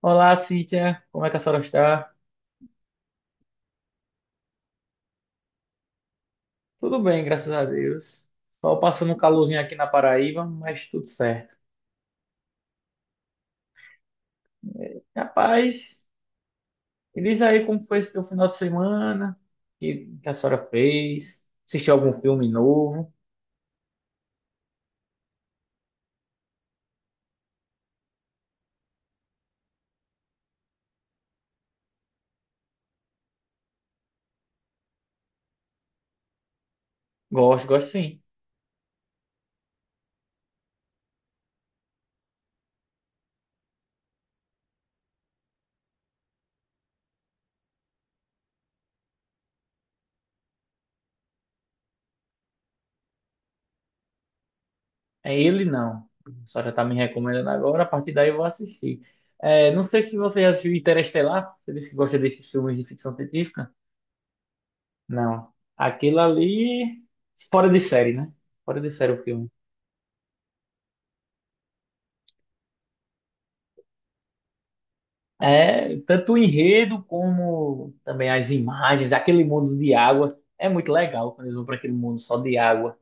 Olá, Cíntia. Como é que a senhora está? Tudo bem, graças a Deus. Só passando um calorzinho aqui na Paraíba, mas tudo certo. Rapaz, me diz aí como foi esse teu final de semana, que a senhora fez, assistiu algum filme novo? Gosto, gosto sim. É ele não. A senhora está me recomendando agora, a partir daí eu vou assistir. É, não sei se você já viu Interestelar, você disse que gosta desses filmes de ficção científica? Não. Aquilo ali, fora de série, né? Fora de série o filme. É, tanto o enredo como também as imagens, aquele mundo de água. É muito legal quando eles vão para aquele mundo só de água.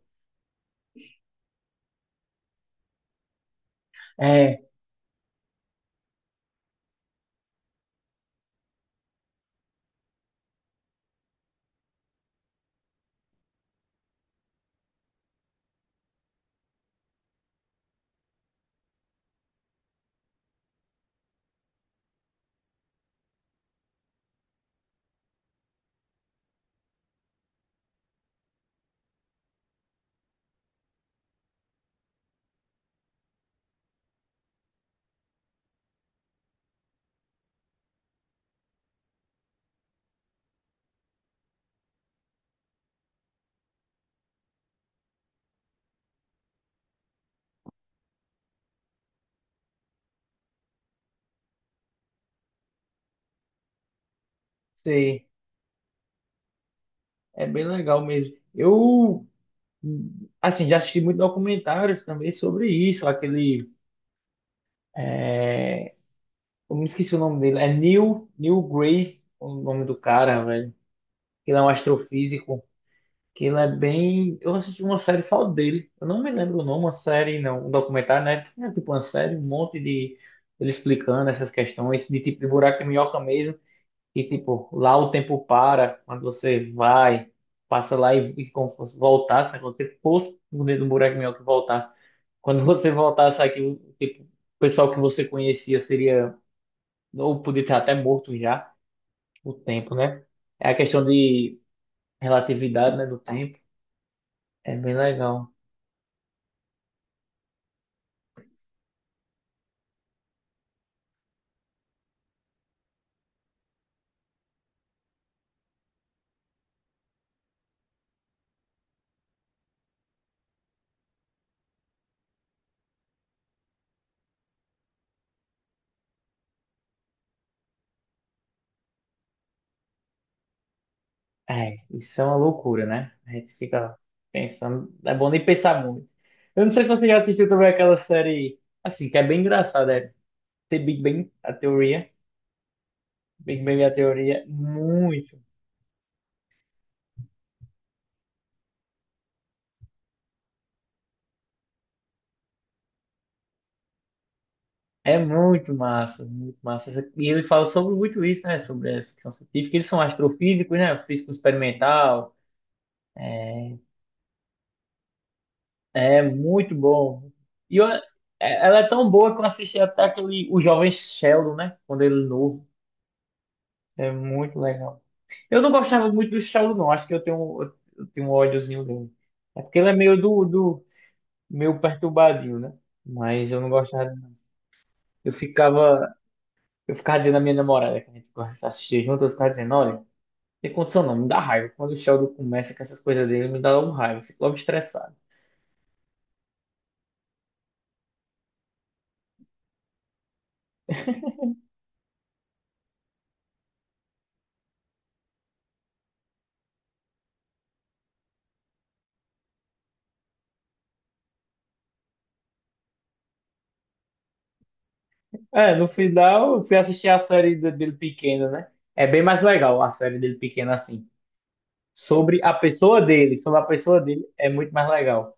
É, sei, é bem legal mesmo. Eu, assim, já assisti muitos documentários também sobre isso. Aquele, é, eu me esqueci o nome dele, é Neil, Neil Gray, o nome do cara, velho. Que ele é um astrofísico. Que ele é bem. Eu assisti uma série só dele. Eu não me lembro o nome, uma série, não. Um documentário, né? Tinha tipo uma série, um monte de. Ele explicando essas questões, de tipo de buraco e minhoca mesmo. E tipo, lá o tempo para, quando você vai, passa lá e como se fosse voltasse, né? Quando você fosse dentro do buraco e minhoca e voltasse. Quando você voltasse aqui, o- tipo, o pessoal que você conhecia seria. Ou podia estar até morto já, o tempo, né? É a questão de relatividade, né? Do tempo. É bem legal. É, isso é uma loucura, né? A gente fica pensando. É bom nem pensar muito. Eu não sei se você já assistiu também aquela série, assim, que é bem engraçada, é The Big Bang, a teoria. Big Bang, a teoria, muito. É muito massa, muito massa. E ele fala sobre muito isso, né? Sobre a ficção científica. Eles são astrofísicos, né? Físico experimental. É, é muito bom. E eu- é- ela é tão boa que eu assisti até aquele, o Jovem Sheldon, né? Quando ele é novo. É muito legal. Eu não gostava muito do Saulo, não. Acho que eu tenho um ódiozinho dele. É porque ele é meio do meio perturbadinho, né? Mas eu não gostava. Eu ficava, eu ficava dizendo à minha namorada que a gente gosta de assistir junto, eu ficava dizendo, olha, não tem condição não, me dá raiva. Quando o Sheldon começa com essas coisas dele, me dá um raiva, eu fico logo estressado. É, no final eu fui assistir a série de- dele pequeno, né? É bem mais legal a série dele pequeno assim. Sobre a pessoa dele, sobre a pessoa dele é muito mais legal.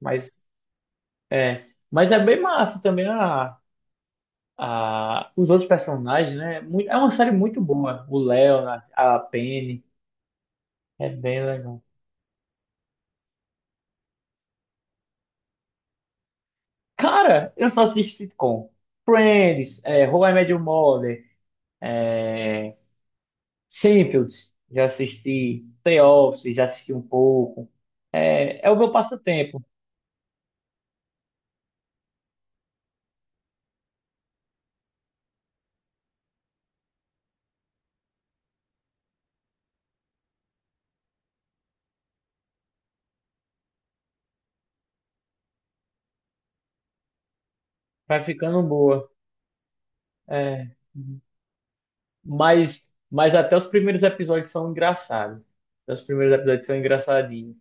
Mas é, mas é bem massa também os outros personagens, né? Muito- É uma série muito boa. O Leonard, a Penny, é bem legal. Cara, eu só assisto sitcom. Friends, How I Met Your Mother, é, Seinfeld, já assisti. The Office, já assisti um pouco. É, é o meu passatempo. Vai ficando boa. É, mas até os primeiros episódios são engraçados. Até os primeiros episódios são engraçadinhos.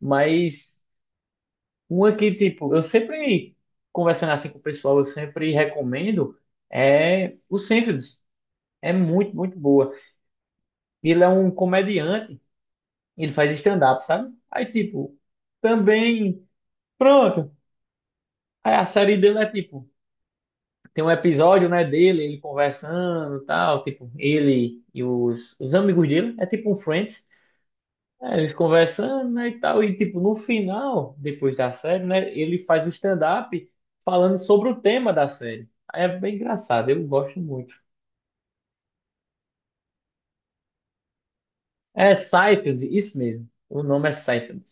Mas. Uma que, tipo, eu sempre, conversando assim com o pessoal, eu sempre recomendo é o Seinfeld. É muito, muito boa. Ele é um comediante, ele faz stand-up, sabe? Aí, tipo, também, pronto. Aí a série dele é, tipo, tem um episódio, né, dele, ele conversando e tal, tipo, ele e os amigos dele, é tipo um Friends. É, eles conversando, né, e tal, e tipo, no final, depois da série, né, ele faz o stand-up falando sobre o tema da série. Aí é bem engraçado, eu gosto muito. É Seinfeld, isso mesmo. O nome é Seinfeld.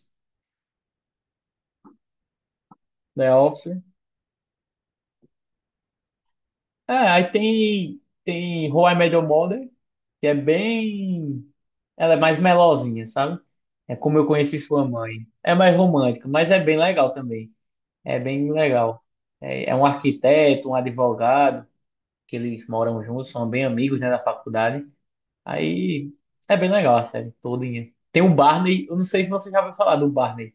The Office. É, aí tem, tem How I Met Your Mother, que é bem... Ela é mais melosinha, sabe? É como eu conheci sua mãe. É mais romântica, mas é bem legal também. É bem legal. É, é um arquiteto, um advogado, que eles moram juntos, são bem amigos, né, da faculdade. Aí é bem legal a série todinha. Tem o Barney, eu não sei se você já ouviu falar do Barney,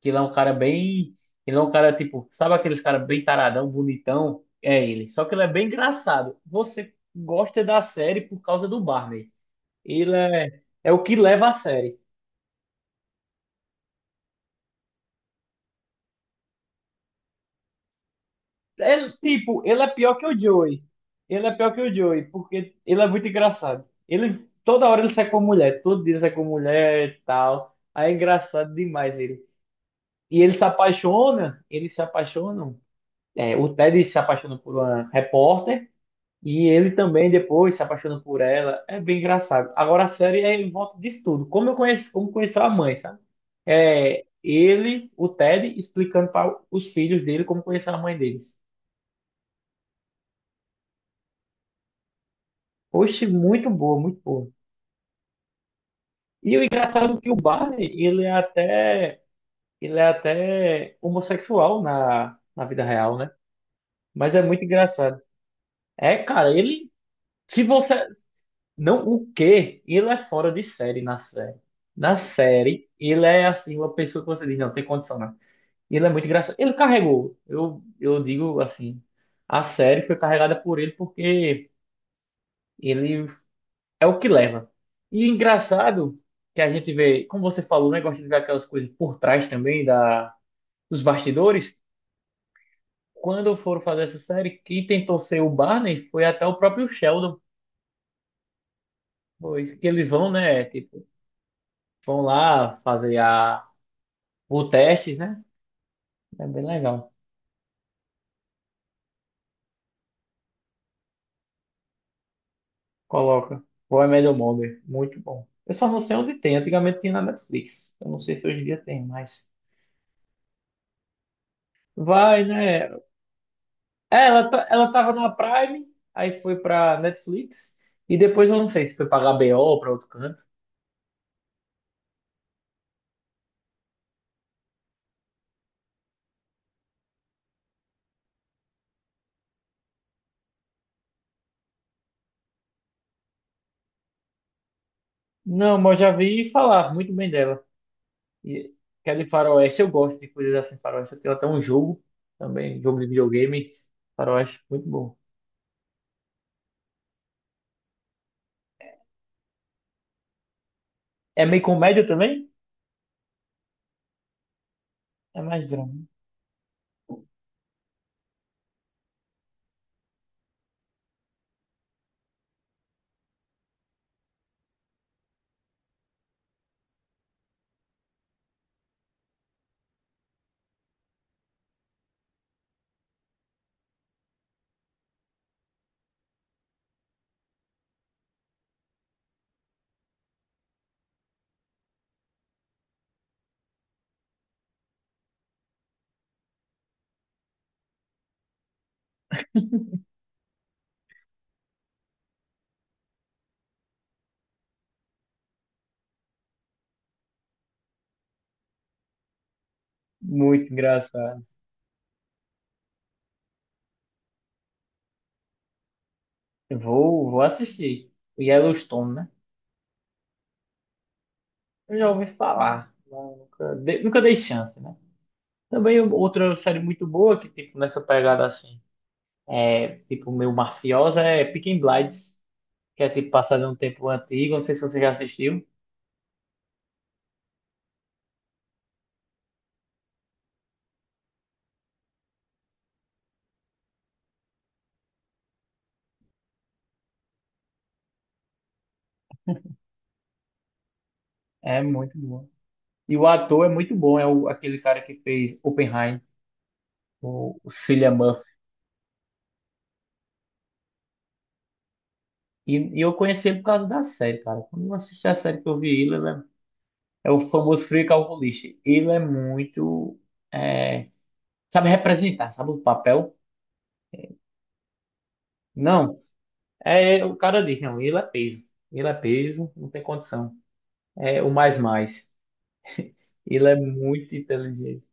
que ele é um cara bem, ele é um cara tipo, sabe aqueles cara bem taradão, bonitão? É ele, só que ele é bem engraçado. Você gosta da série por causa do Barney. Ele é, é o que leva a série. Ele, tipo, ele é pior que o Joey. Ele é pior que o Joey, porque ele é muito engraçado. Ele, toda hora ele sai com mulher, todo dia ele sai com mulher e tal. Aí é engraçado demais ele. E ele se apaixona, eles se apaixonam. É, o Ted se apaixona por uma repórter e ele também depois se apaixona por ela. É bem engraçado. Agora a série é em volta disso tudo. Como eu conheço, como conheceu a mãe, sabe? É ele, o Ted, explicando para os filhos dele como conheceu a mãe deles. Oxe, muito boa, muito boa. E o engraçado é que o Barney, ele é até homossexual na vida real, né? Mas é muito engraçado. É, cara, ele, se você, não, o quê? Ele é fora de série na série. Na série, ele é assim, uma pessoa que você diz, não, tem condição, não. Ele é muito engraçado. Ele carregou, eu digo assim, a série foi carregada por ele porque ele é o que leva. E engraçado que a gente vê, como você falou, né, gosta de ver aquelas coisas por trás também da, dos bastidores. Quando foram fazer essa série, quem tentou ser o Barney foi até o próprio Sheldon. Foi que eles vão, né, tipo, vão lá fazer a, o testes, né? É bem legal. Coloca. How I Met Mother. Muito bom. Eu só não sei onde tem. Antigamente tinha na Netflix. Eu não sei se hoje em dia tem, mas... Vai, né? É, ela, ta- ela tava na Prime, aí foi pra Netflix, e depois eu não sei se foi pra HBO ou pra outro canto. Não, mas eu já vi falar muito bem dela. E que é de faroeste, eu gosto de coisas assim, faroeste. Eu tenho até um jogo também, jogo de videogame, faroeste, muito bom. É meio comédia também? É mais drama. Muito engraçado. Vou, vou assistir. O Yellowstone, né? Eu já ouvi falar, mas nunca, dei- nunca dei chance, né? Também outra série muito boa que, tipo, nessa pegada assim. É, tipo, meu mafiosa, é Peaky Blinders, que é tipo passado em um tempo antigo, não sei se você já assistiu. É muito bom. E o ator é muito bom, é o, aquele cara que fez Oppenheim, o Cillian Murphy. E eu conheci ele por causa da série, cara. Quando eu assisti a série que eu vi ele, ele é, é o famoso frio calculista. Ele é muito. É, sabe representar, sabe o papel? Não, é o cara diz, não, ele é peso. Ele é peso, não tem condição. É o mais mais. Ele é muito inteligente.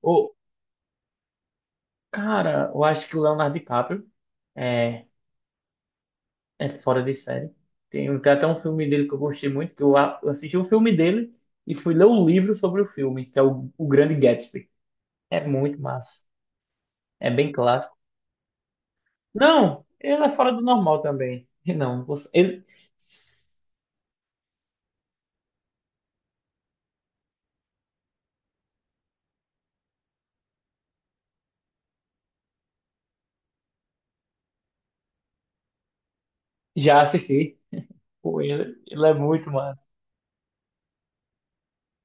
Ô, cara, eu acho que o Leonardo DiCaprio é, é fora de série. Tem, tem até um filme dele que eu gostei muito, que eu a- eu assisti o filme dele e fui ler o livro sobre o filme, que é o Grande Gatsby. É muito massa. É bem clássico. Não, ele é fora do normal também. E não, você- ele já assisti. Pô, ele é muito massa.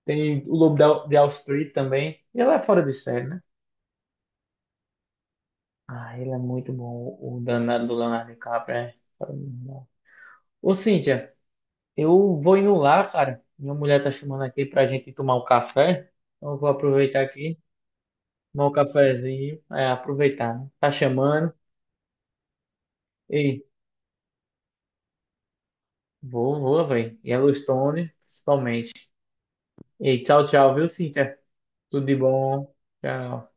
Tem o Lobo da- de Wall Street também. Ele é fora de série, né? Ah, ele é muito bom. O danado do Leonardo DiCaprio é fora do normal. Ô, Cíntia. Eu vou indo lá, cara. Minha mulher tá chamando aqui pra gente tomar um café. Então eu vou aproveitar aqui, tomar um cafezinho. É, aproveitar, né? Tá chamando. E Vou, velho. Yellowstone, principalmente. E tchau, tchau, viu, Cíntia? Tudo de bom. Tchau.